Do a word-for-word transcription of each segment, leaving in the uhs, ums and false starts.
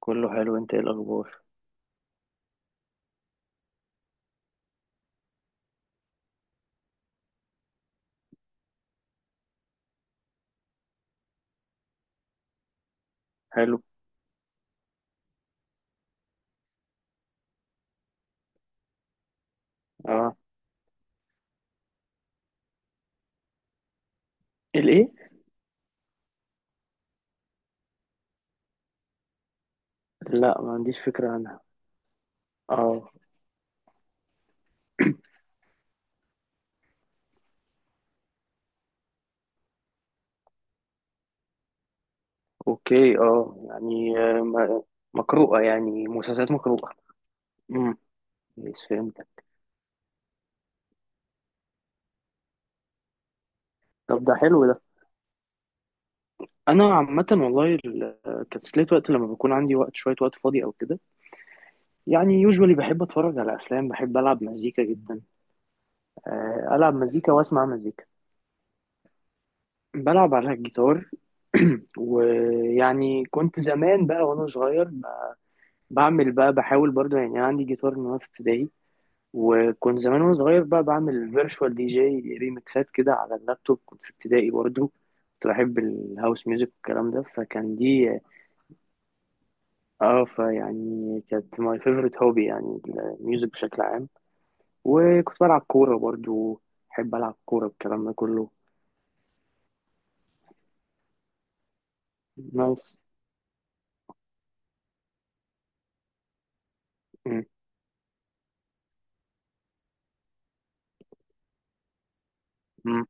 كله حلو انت ايه الاخبار؟ حلو. اه، الايه؟ لا، ما عنديش فكره عنها. اه، اوكي، اه يعني آه، ما- مقروءه، يعني مسلسلات مقروءه. امم. يس، فهمتك. طب ده حلو ده. انا عامه والله ال- آه، كتسلية وقت لما بيكون عندي وقت شويه، وقت فاضي او كده، يعني يوجوالي بحب اتفرج على افلام، بحب العب مزيكا جدا. آه، العب مزيكا واسمع مزيكا. بلعب على الجيتار. ويعني كنت زمان بقى وانا صغير بعمل بقى، بحاول برضو، يعني أنا عندي جيتار من وأنا في ابتدائي. وكنت زمان وأنا صغير بقى بعمل فيرتشوال دي جي، ريميكسات كده على اللابتوب، كنت في ابتدائي برضو. كنت بحب الهاوس ميوزك والكلام ده، فكان دي اه فيعني كانت ماي فيفورت هوبي، يعني الميوزك بشكل عام. وكنت بلعب كورة برضو، بحب ألعب كورة، الكلام ده كله. نايس. مم. مم.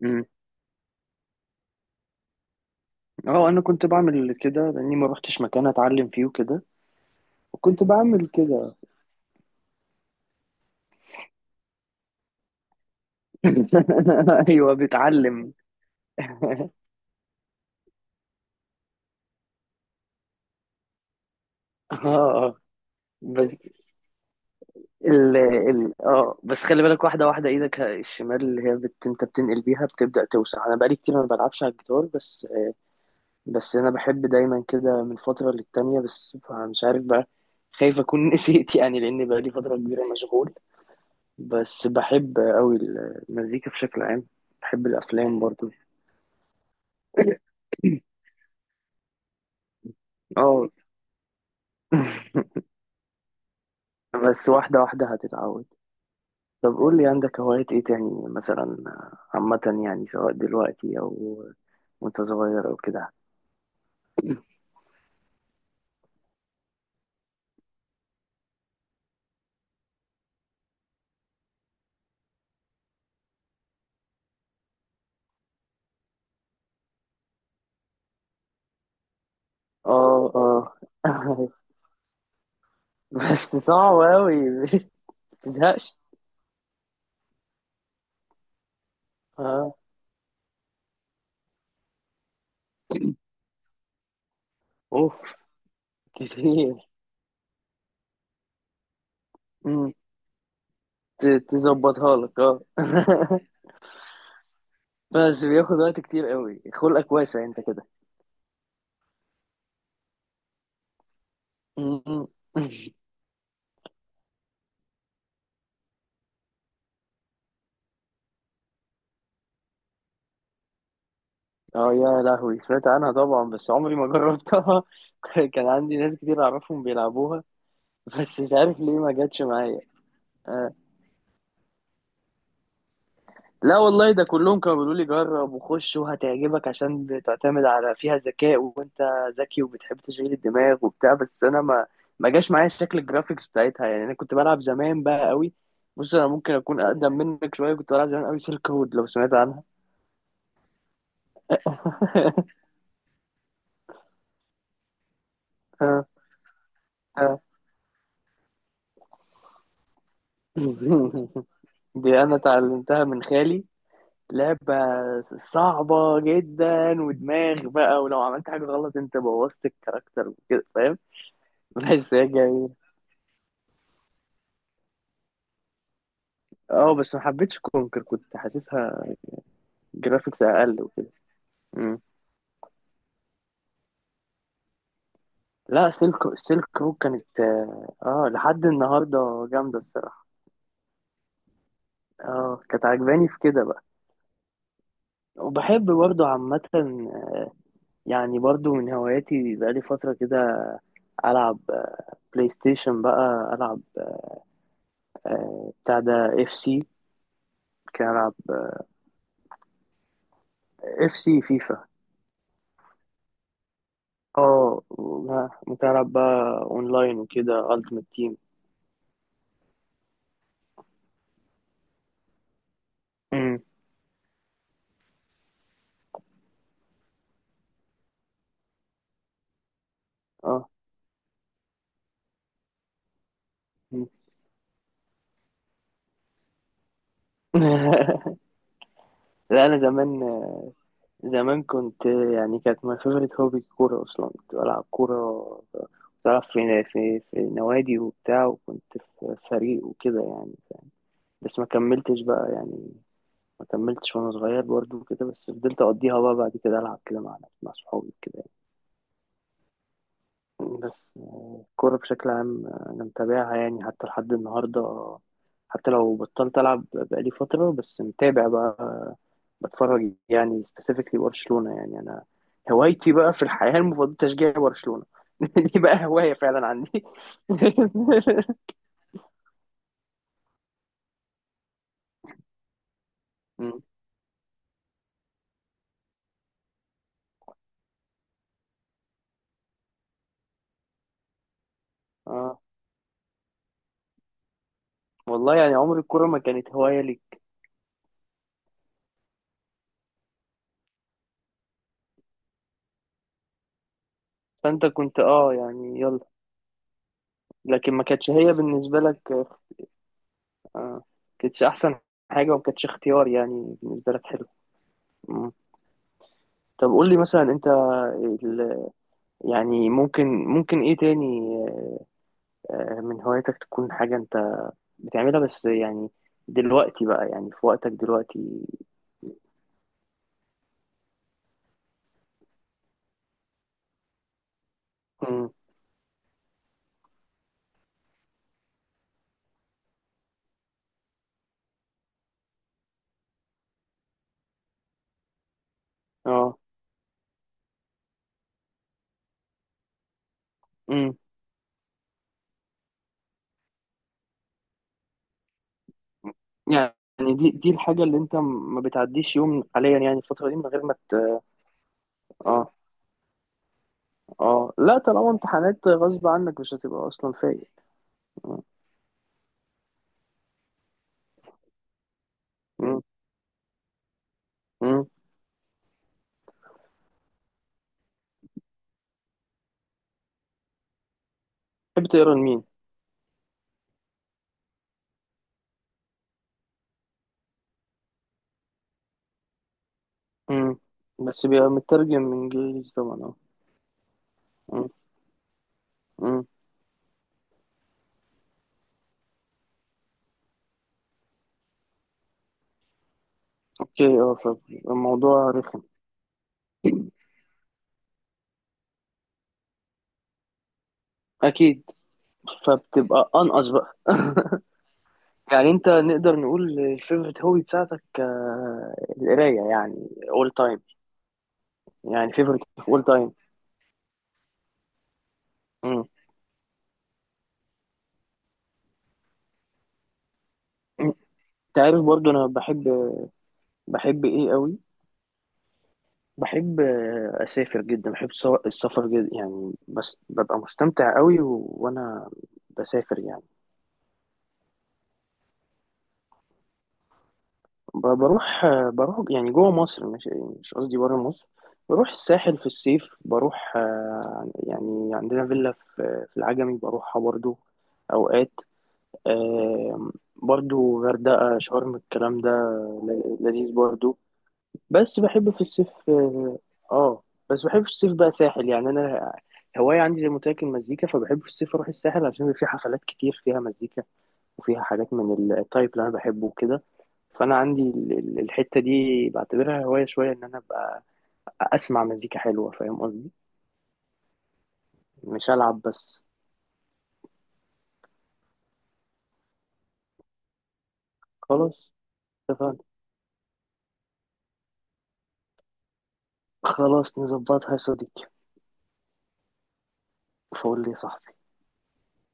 مم. اه، أنا كنت بعمل كده لأني ما روحتش مكان أتعلم فيه وكده، وكنت بعمل كده. ايوه، بتعلم. اه، بس ال ال اه بس خلي بالك، واحدة واحدة. ايدك الشمال اللي هي بت... انت بتنقل بيها بتبدأ توسع. انا بقالي كتير ما بلعبش على الجيتار، بس بس انا بحب دايما كده من فترة للتانية، بس مش عارف بقى. خايف اكون نسيت يعني، لان بقالي فترة كبيرة مشغول. بس بحب قوي المزيكا بشكل عام. بحب الافلام برضو. اه. بس واحدة واحدة هتتعود. طب قول لي، عندك هوايات ايه تاني مثلا، عامة، يعني سواء دلوقتي او وانت صغير او كده. اه، اه. بس صعب اوي. متزهقش. اه. اوف. كتير. مم. ت- تظبطها لك، اه. بس بياخد وقت كتير قوي، خلقك واسع انت كده. مم. اه يا لهوي، سمعت عنها طبعا، بس عمري ما جربتها. كان عندي ناس كتير اعرفهم بيلعبوها، بس مش عارف ليه ما جاتش معايا. آه. لا والله، ده كلهم كانوا بيقولوا لي جرب وخش وهتعجبك، عشان بتعتمد على فيها ذكاء وانت ذكي وبتحب تشغيل الدماغ وبتاع، بس انا ما ما جاش معايا شكل الجرافيكس بتاعتها، يعني انا كنت بلعب زمان بقى قوي. بص، انا ممكن اكون اقدم منك شويه، كنت بلعب زمان قوي سيلك هود، لو سمعت عنها. آه، آه. دي انا اتعلمتها من خالي. لعبة صعبة جدا ودماغ بقى، ولو عملت حاجة غلط انت بوظت الكاركتر وكده، فاهم. بحس هي، اه، بس ما حبيتش كونكر، كنت حاسسها جرافيكس اقل وكده. مم. لا، سيلك سيلك رود كانت اه آه، لحد النهارده جامده الصراحه. اه، كانت عجباني في كده بقى. وبحب برضو عامة، يعني برضو من هواياتي بقالي فترة كده، ألعب آه، بلاي ستيشن بقى، ألعب آه، بتاع ده، اف سي. ممكن ألعب اف سي فيفا. اه، وما- ممكن ألعب بقى أونلاين وكده، ألتيمت تيم. اه. مم. لا، أنا زمان، زمان كنت يعني، كانت my favorite hobby الكورة أصلا. كنت بلعب كورة، كنت بلعب في في في نوادي وبتاع، وكنت في فريق وكده يعني. بس ما كملتش بقى يعني، ما كملتش وأنا صغير برضو كده، بس فضلت أقضيها بقى بعد كده، ألعب كده مع مع صحابي كده. بس آه، الكورة بشكل عام، آه، أنا متابعها يعني حتى لحد النهاردة، حتى لو بطلت ألعب بقالي فترة. بس متابع بقى، آه، بتفرج يعني، سبيسيفيكلي برشلونة. يعني أنا هوايتي بقى في الحياة المفضلة تشجيع برشلونة. دي بقى هواية فعلا عندي. مم. اه، والله يعني عمر الكورة ما كانت هواية لي. فأنت كنت اه يعني يلا، لكن ما كانتش هي بالنسبة لك آه، كانتش أحسن حاجة وما كانتش اختيار يعني بالنسبة لك. حلو. طب قول لي مثلا انت، ال- يعني ممكن، ممكن ايه تاني آه، من هواياتك، تكون حاجة انت بتعملها بس، يعني دلوقتي بقى، يعني في وقتك دلوقتي. امم. اه. امم. يعني دي دي الحاجة اللي انت م- ما بتعديش يوم حاليا، يعني الفترة دي من غير ما ت... اه، اه، لا، طالما امتحانات غصب عنك مش هتبقى اصلا فايق. امم. امم. تحب تقرا لمين؟ امم. بس بيبقى مترجم من انجليزي طبعا، اه. امم. امم. اوكي، اه، فالموضوع رخم. اكيد، فبتبقى انقص بقى. يعني انت، نقدر نقول الفيفورت هوبي بتاعتك آه، القرايه، يعني اول تايم. يعني فيفورت، اول تايم، انت. عارف، برضو انا بحب، بحب ايه قوي، بحب آه، اسافر جدا، بحب السو- السفر جدا يعني، بس ببقى مستمتع قوي و... وانا بسافر يعني. ب- بروح آه، بروح يعني جوه مصر، مش مش قصدي بره مصر. بروح الساحل في الصيف، بروح آه، يعني عندنا فيلا في في العجمي، بروحها برضو اوقات. آم، برضو غردقة، شرم، الكلام ده ل- لذيذ برضو. بس بحب في الصيف، اه، آه، بس بحب في الصيف بقى ساحل. يعني انا هواية عندي، زي ما قلت لك، المزيكا، فبحب في الصيف اروح الساحل عشان بيبقى في حفلات كتير فيها مزيكا، وفيها حاجات من التايب اللي انا بحبه وكده. فانا عندي ال- ال- الحتة دي بعتبرها هواية، شوية ان انا ابقى اسمع مزيكا حلوة، فاهم قصدي، مش العب بس. خلاص، اتفقنا. خلاص نظبطها يا صديقي. فقول لي يا صاحبي.